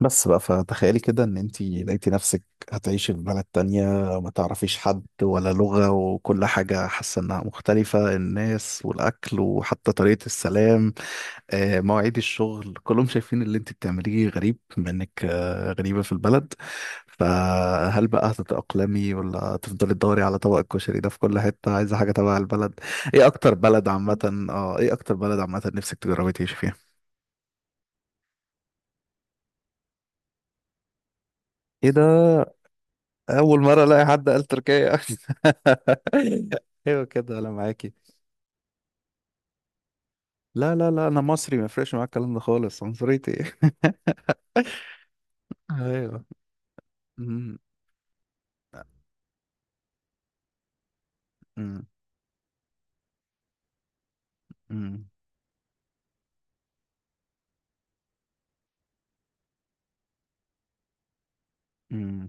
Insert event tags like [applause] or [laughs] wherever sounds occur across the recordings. بس بقى فتخيلي كده ان انتي لقيتي نفسك هتعيشي في بلد تانية، ما تعرفيش حد ولا لغة وكل حاجة حاسة انها مختلفة، الناس والاكل وحتى طريقة السلام. مواعيد الشغل كلهم شايفين اللي انتي بتعمليه غريب، بما انك غريبة في البلد. فهل بقى هتتأقلمي ولا تفضلي تدوري على طبق الكشري ده في كل حتة، عايزة حاجة تبع البلد؟ ايه اكتر بلد عامة نفسك تجربي تعيشي فيها؟ ايه ده، اول مره الاقي حد قال تركيا. [laughs] ايوه كده انا معاكي. لا لا لا، انا مصري ما يفرقش معايا الكلام ده خالص، عنصريتي. [laughs] ايوه. أمم، أمم، أمم، أمم،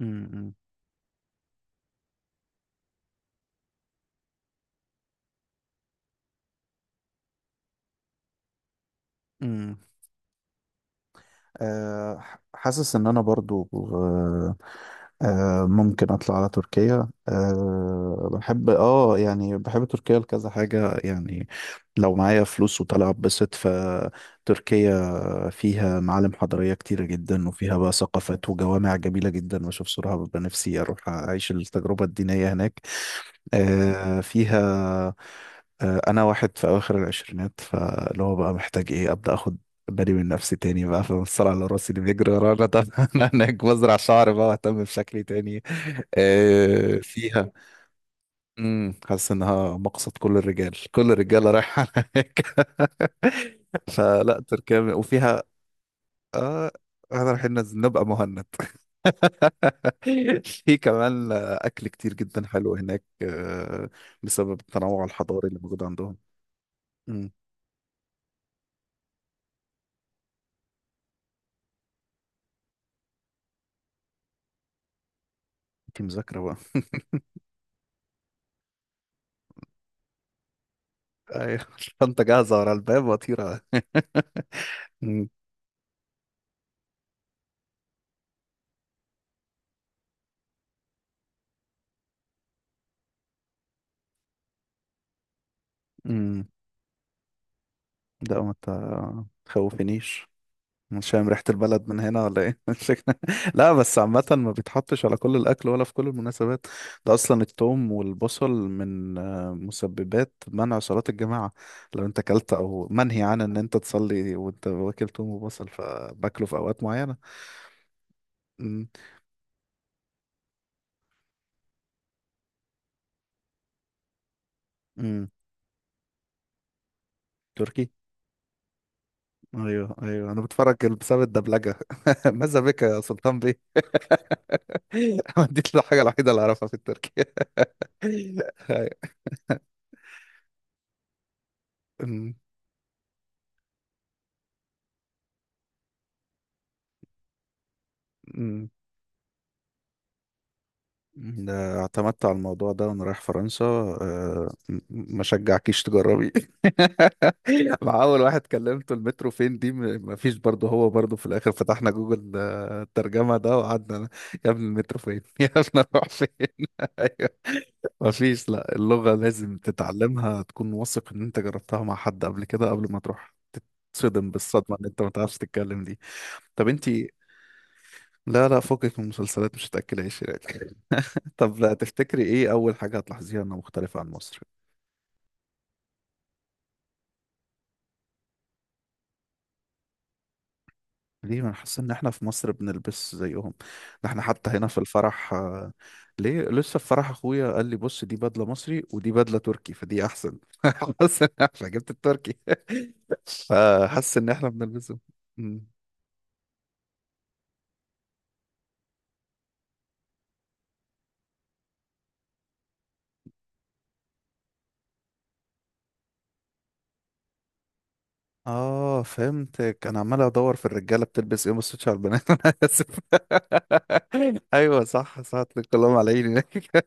أمم، أمم. حاسس ان انا برضو. ممكن اطلع على تركيا، بحب، بحب تركيا لكذا حاجة يعني. لو معايا فلوس وطالع اتبسط، فتركيا فيها معالم حضارية كتيرة جدا، وفيها بقى ثقافات وجوامع جميلة جدا، واشوف صورها ببقى نفسي اروح اعيش التجربة الدينية هناك. فيها. انا واحد في اواخر العشرينات، فاللي هو بقى محتاج ايه ابدا، اخد بالي من نفسي تاني بقى، في الصراع على راسي اللي بيجري ورانا. طب [laughs] انا هناك بزرع شعر بقى واهتم بشكلي تاني. فيها. امم، حاسس انها مقصد كل الرجاله رايحه هناك. [laughs] وفيها، اه نبقى مهند. [laughs] في كمان اكل كتير جدا حلو هناك، بسبب التنوع الحضاري اللي موجود عندهم. امم. دي مذاكره بقى. ايوه. [laughs] الشنطه جاهزه ورا الباب وطيره. [laughs] امم. لا، ما تخوفنيش. مش فاهم ريحة البلد من هنا ولا ايه؟ [laughs] لا، بس عامة ما بيتحطش على كل الأكل ولا في كل المناسبات. ده أصلا الثوم والبصل من مسببات منع صلاة الجماعة. لو أنت أكلت أو منهي عن إن أنت تصلي وأنت واكل ثوم وبصل، فباكله في أوقات معينة. امم. امم. تركي. ايوه ايوه، انا بتفرج بسبب الدبلجه. [laughs] ماذا بك يا سلطان بيه. [laughs] دي الحاجه الوحيده اللي اعرفها في التركي. [laughs] أيوة. أمم، أمم. ده اعتمدت على الموضوع ده وانا رايح فرنسا، ما شجعكيش تجربي. [laughs] مع اول واحد كلمته، المترو فين دي، ما فيش برضه. هو برضه في الاخر فتحنا جوجل، الترجمه ده، وقعدنا يا ابني المترو فين، [laughs] يا ابني اروح فين. [laughs] ما فيش، لا، اللغة لازم تتعلمها، تكون واثق ان انت جربتها مع حد قبل كده قبل ما تروح، تتصدم بالصدمة ان انت ما تعرفش تتكلم دي. طب انت، لا لا، فوقك من المسلسلات مش هتأكلهاش يعني. [laughs] طب، لا تفتكري ايه اول حاجة هتلاحظيها انها مختلفة عن مصر؟ ليه، ما انا حاسس ان احنا في مصر بنلبس زيهم. ده احنا حتى هنا في الفرح، ليه لسه في فرح اخويا قال لي بص، دي بدلة مصري ودي بدلة تركي فدي احسن. [laughs] حاسس ان احنا جبت التركي، فحاسس ان احنا بنلبسهم. اه فهمتك، انا عمال ادور في الرجاله بتلبس ايه، ما بصيتش على البنات. [laughs] انا اسف. [laughs] ايوه صح صح، الكلام على عيني. [laughs]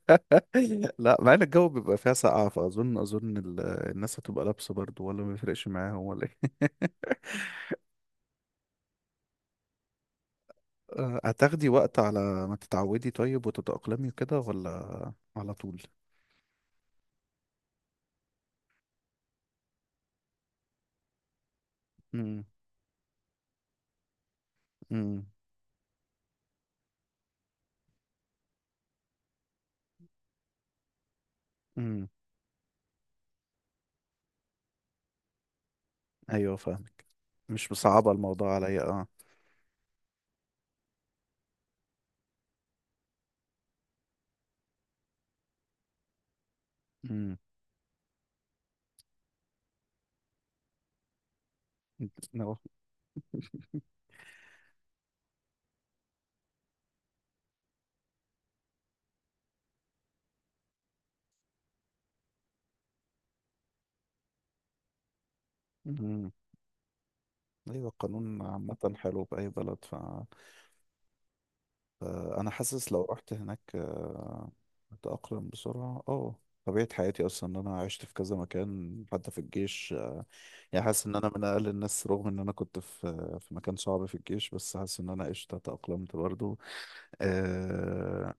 لا، مع ان الجو بيبقى فيها سقعه، فاظن الناس هتبقى لابسه برضو، ولا ما بيفرقش معاهم ولا ايه؟ [laughs] هتاخدي وقت على ما تتعودي طيب وتتأقلمي كده، ولا على طول؟ امم. امم. امم. ايوه فاهمك. مش مصعبه الموضوع عليا اه. امم. مم. ايوه، القانون عامة حلو بأي بلد. فأنا حاسس لو رحت هناك، أتأقلم بسرعة اه. طبيعة حياتي أصلا إن أنا عشت في كذا مكان حتى في الجيش، يعني حاسس إن أنا من أقل الناس، رغم إن أنا كنت في مكان صعب في الجيش، بس حاسس إن أنا قشطة تأقلمت برضو. آه،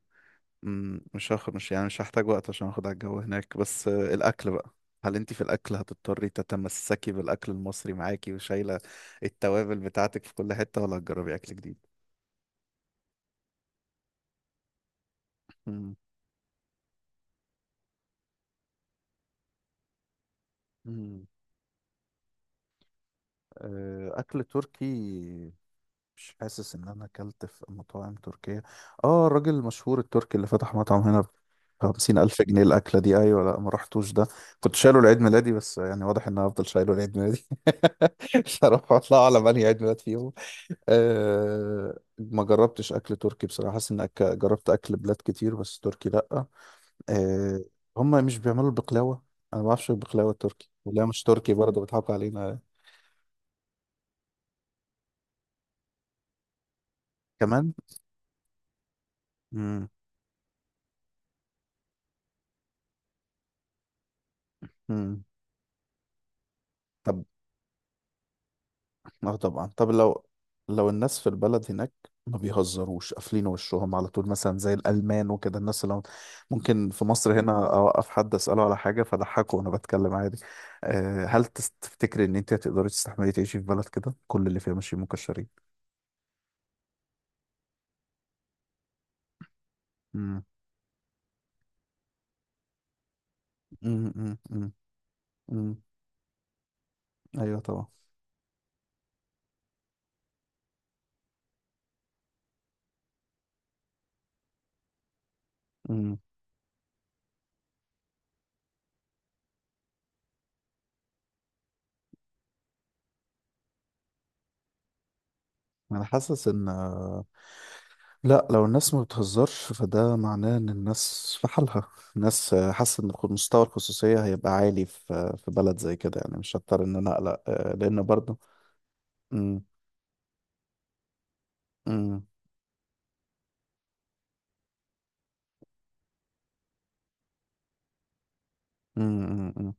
مش هاخد مش يعني مش هحتاج وقت عشان اخد على الجو هناك، بس الاكل بقى. هل انت في الاكل هتضطري تتمسكي بالاكل المصري معاكي وشايله التوابل بتاعتك في كل حته، ولا هتجربي اكل جديد؟ مم. مم. اكل تركي. مش حاسس ان انا اكلت في مطاعم تركية. اه، الراجل المشهور التركي اللي فتح مطعم هنا بخمسين الف جنيه الاكلة دي، ايوه، لا ما رحتوش ده. كنت شايله لعيد ميلادي، بس يعني واضح ان انا هفضل شايله لعيد ميلادي. [laughs] مش هروح اطلع على انهي عيد ميلاد فيهم. أه، ما جربتش اكل تركي بصراحه. حاسس ان جربت اكل بلاد كتير بس تركي لا. أه. هم مش بيعملوا البقلاوه. انا ما بعرفش البقلاوه التركي ولا مش تركي، برضه بيضحكوا علينا كمان. امم. طب اه طبعا. طب لو لو الناس في البلد هناك ما بيهزروش، قافلين وشهم على طول مثلا زي الألمان وكده، ممكن في مصر هنا أوقف حد أسأله على حاجة فضحكه وأنا بتكلم عادي. أه، هل تفتكري إن أنت هتقدري تستحملي تعيشي في بلد كده كل اللي فيها ماشيين مكشرين؟ امم. امم. امم. امم. أيوه طبعا. امم. أنا حاسس إن، لا، لو الناس ما بتهزرش فده معناه ان الناس في حالها. الناس، حاسه ان مستوى الخصوصيه هيبقى عالي في بلد زي كده، يعني مش هضطر ان انا اقلق، لان برضه. امم. امم. إمم، إمم، إمم.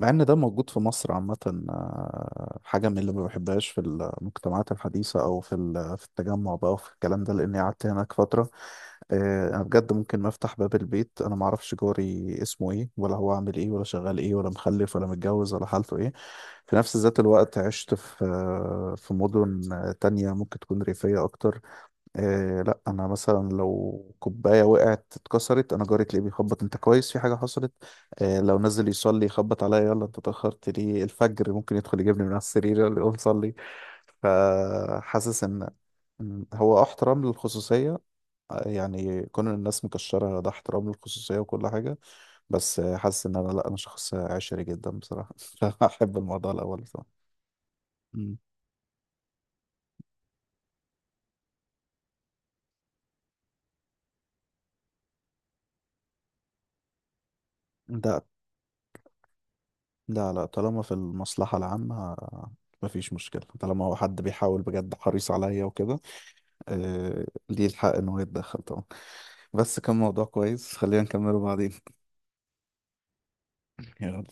مع ان ده موجود في مصر عامة. حاجة من اللي ما بحبهاش في المجتمعات الحديثة، او في التجمع بقى وفي الكلام ده، لاني قعدت هناك فترة. انا بجد ممكن ما افتح باب البيت، انا ما اعرفش جاري اسمه ايه ولا هو عامل ايه ولا شغال ايه ولا مخلف ولا متجوز ولا حالته ايه. في نفس ذات الوقت عشت في مدن تانية ممكن تكون ريفية اكتر. إيه، لا انا مثلا لو كوبايه وقعت اتكسرت، انا جاري تلاقيه بيخبط، انت كويس؟ في حاجه حصلت؟ إيه، لو نزل يصلي يخبط عليا، يلا انت اتاخرت ليه الفجر، ممكن يدخل يجيبني من على السرير يلا قوم صلي. فحاسس ان هو احترام للخصوصيه. يعني كون الناس مكشره، ده احترام للخصوصيه وكل حاجه. بس حاسس ان انا، لا، انا شخص عشري جدا بصراحه. [laughs] فاحب الموضوع الاول بصراحه. مم. ده لا لا، طالما في المصلحة العامة مفيش مشكلة، طالما هو حد بيحاول بجد حريص عليا وكده، آه ليه الحق إنه يتدخل طبعا. بس كان موضوع كويس، خلينا نكمله بعدين. [laughs] يلا.